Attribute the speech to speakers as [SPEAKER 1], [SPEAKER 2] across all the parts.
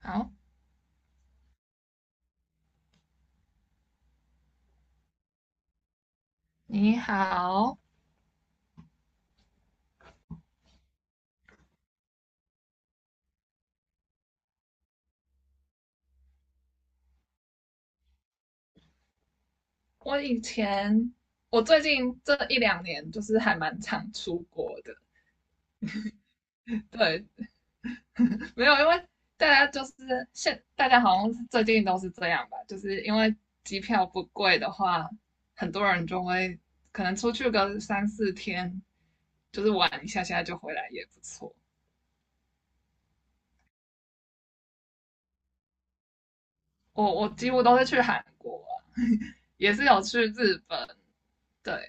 [SPEAKER 1] 好，你好。我以前，我最近这一两年就是还蛮常出国的。对，没有，因为大家就是现，大家好像最近都是这样吧，就是因为机票不贵的话，很多人就会可能出去个三四天，就是玩一下下就回来也不错。我几乎都是去韩国啊，也是有去日本。对，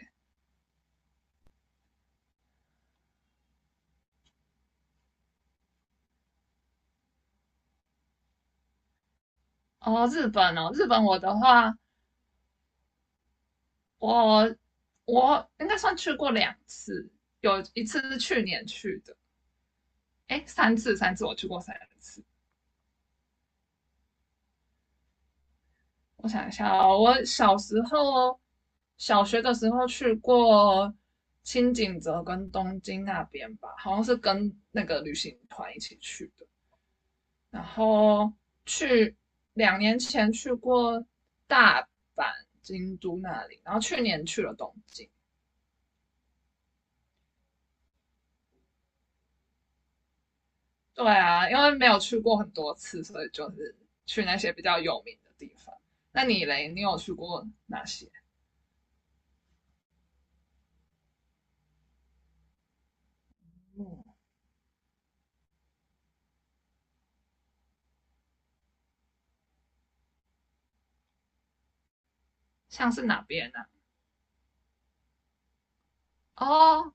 [SPEAKER 1] 哦，日本哦，日本我的话。我我应该算去过两次，有一次是去年去的，哎，三次三次我去过三次。我想一下哦，我小学的时候去过青井泽跟东京那边吧，好像是跟那个旅行团一起去的。然后去两年前去过大阪、京都那里，然后去年去了东京。对啊，因为没有去过很多次，所以就是去那些比较有名的地方。那你嘞，你有去过哪些？像是哪边呢、啊哦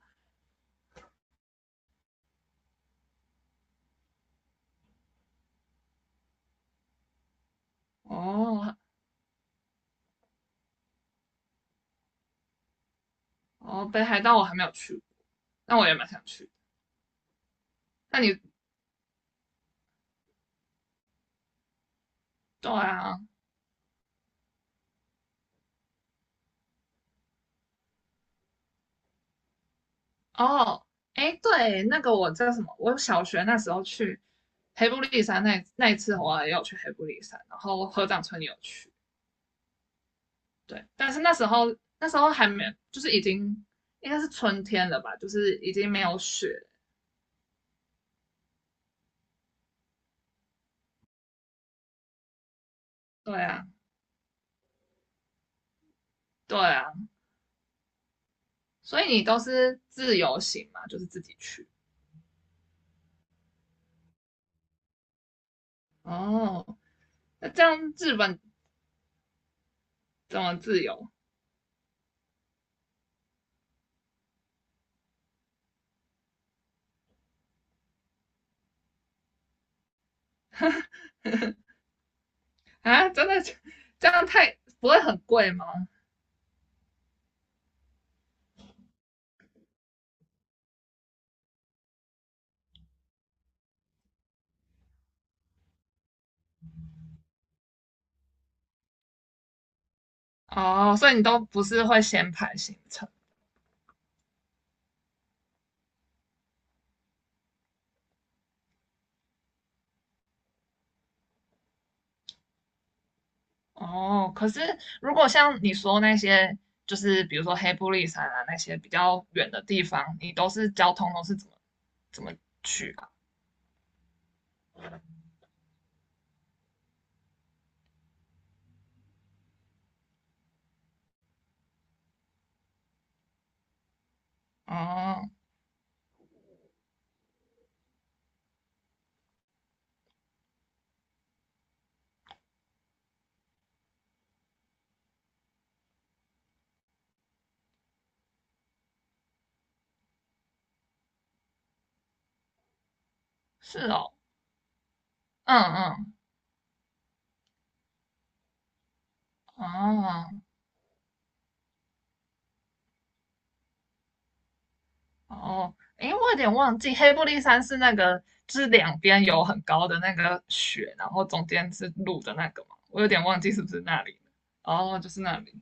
[SPEAKER 1] 哦哦，北海道我还没有去过，那我也蛮想去。那你对啊，哦，哎，对，那个我叫什么？我小学那时候去黑布利山那一次，我也有去黑布利山，然后合掌村也有去。对，但是那时候还没，就是已经应该是春天了吧，就是已经没有雪对啊，对啊，所以你都是自由行嘛，就是自己去。哦，那这样日本怎么自由啊？真的这样太不会很贵吗？哦，所以你都不是会先排行程。哦，可是如果像你说那些，就是比如说黑布利山啊那些比较远的地方，你都是交通都是怎么去啊？哦，是哦，嗯嗯，哦，哦，诶，我有点忘记，黑布利山是那个，就是两边有很高的那个雪，然后中间是路的那个嘛，我有点忘记是不是那里了哦，就是那里。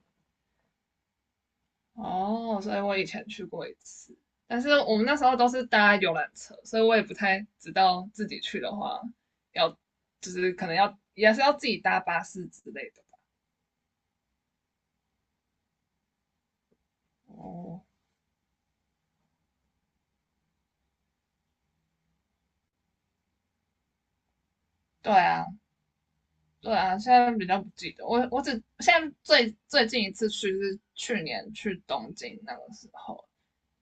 [SPEAKER 1] 哦，所以我以前去过一次，但是我们那时候都是搭游览车，所以我也不太知道自己去的话要，就是可能要也是要自己搭巴士之类的吧哦，对啊，对啊，现在比较不记得，我我只现在最近一次去是去年去东京那个时候，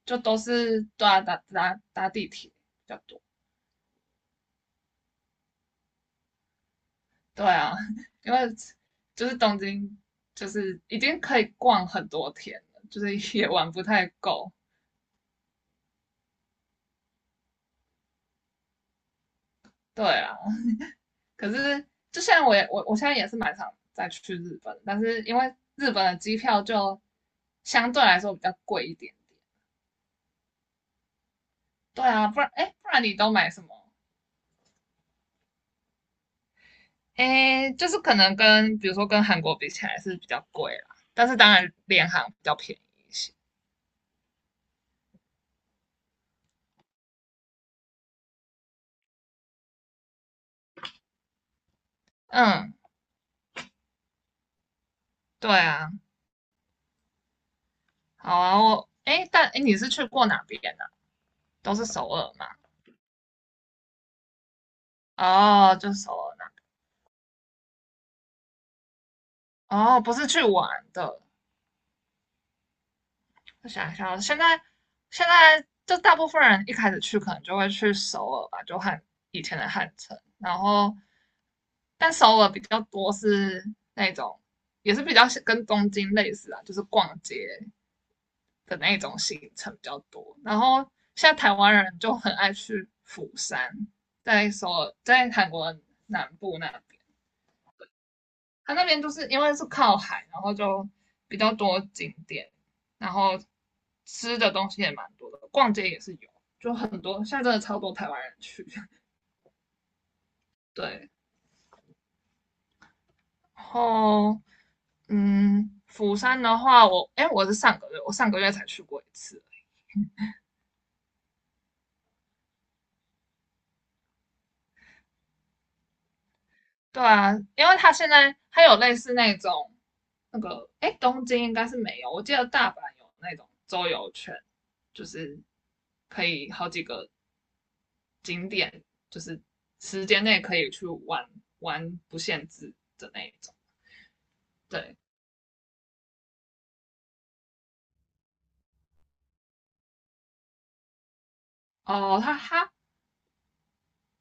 [SPEAKER 1] 就都是对啊搭地铁比较多。对啊，因为就是东京就是已经可以逛很多天了，就是也玩不太够。对啊，可是就像我现在也是蛮想再去日本，但是因为日本的机票就相对来说比较贵一点点。对啊，不然你都买什么？诶，就是可能跟比如说跟韩国比起来是比较贵啦，但是当然联航比较便宜一些。嗯，对啊，好啊，我诶，但诶，你是去过哪边呢啊？都是首尔吗？哦，就首尔那，哦，不是去玩的。我想一下哦，现在就大部分人一开始去可能就会去首尔吧，就以前的汉城，然后但首尔比较多是那种也是比较跟东京类似啊，就是逛街，的那种行程比较多。然后现在台湾人就很爱去釜山，在首在韩国南部那边，它那边就是因为是靠海，然后就比较多景点，然后吃的东西也蛮多的，逛街也是有，就很多现在真的超多台湾人去。对，然后釜山的话，我上个月才去过一次，对啊，因为它现在有类似那种那个，哎，东京应该是没有，我记得大阪有那种周游券，就是可以好几个景点，就是时间内可以去玩玩不限制的那一种。对，哦，它它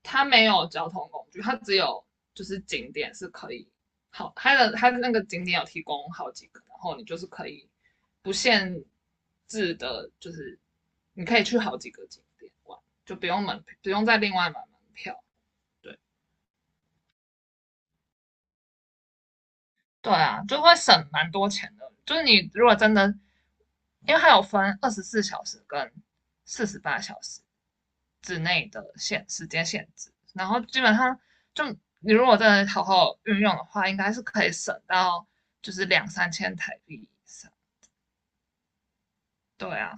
[SPEAKER 1] 它没有交通工具，它只有就是景点是可以好，它的那个景点有提供好几个，然后你就是可以不限制的，就是你可以去好几个景点玩，就不用再另外买门票。对，对啊，就会省蛮多钱的。就是你如果真的，因为它有分24小时跟48小时之内的时间限制，然后基本上就你如果真的好好运用的话，应该是可以省到就是两三千台币以上。对啊，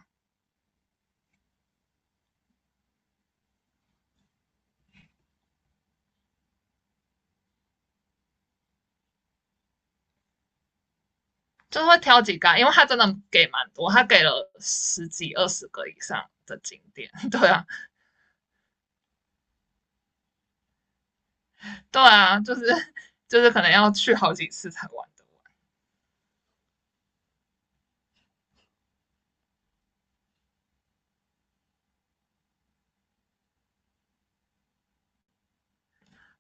[SPEAKER 1] 就是会挑几个啊因为它真的给蛮多，它给了十几二十个以上的景点。对啊，对啊，就是可能要去好几次才玩得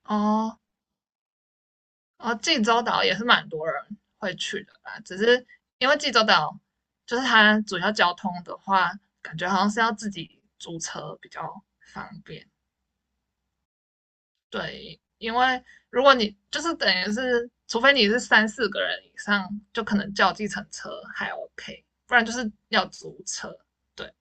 [SPEAKER 1] 完。哦，哦，济州岛也是蛮多人会去的吧，只是因为济州岛就是它主要交通的话，感觉好像是要自己租车比较方便。对，因为如果你就是等于是，除非你是三四个人以上，就可能叫计程车还 OK，不然就是要租车。对，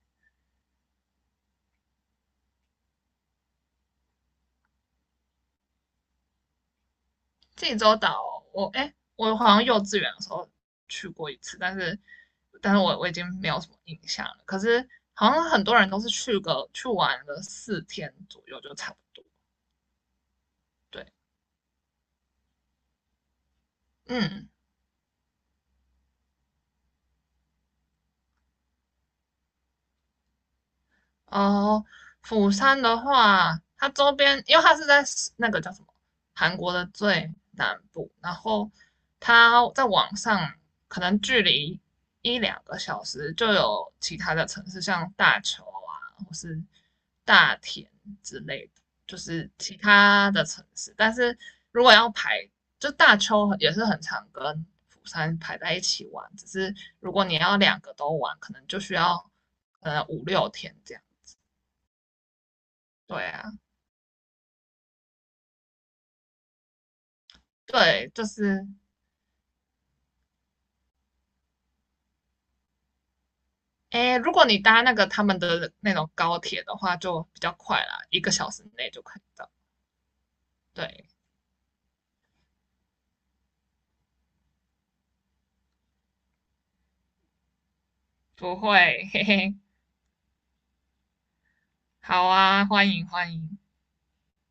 [SPEAKER 1] 济州岛，我哎、欸我好像幼稚园的时候去过一次，但是我已经没有什么印象了。可是好像很多人都是去玩了四天左右就差不多。对，嗯。哦，釜山的话，它周边，因为它是在那个叫什么韩国的最南部，然后它在网上可能距离一两个小时就有其他的城市，像大邱啊，或是大田之类的，就是其他的城市。但是如果要排，就大邱也是很常跟釜山排在一起玩，只是如果你要两个都玩，可能就需要五六天这样。对啊，对，就是，诶，如果你搭那个他们的那种高铁的话，就比较快啦，一个小时内就可以到。对，不会，嘿嘿，好啊，欢迎欢迎。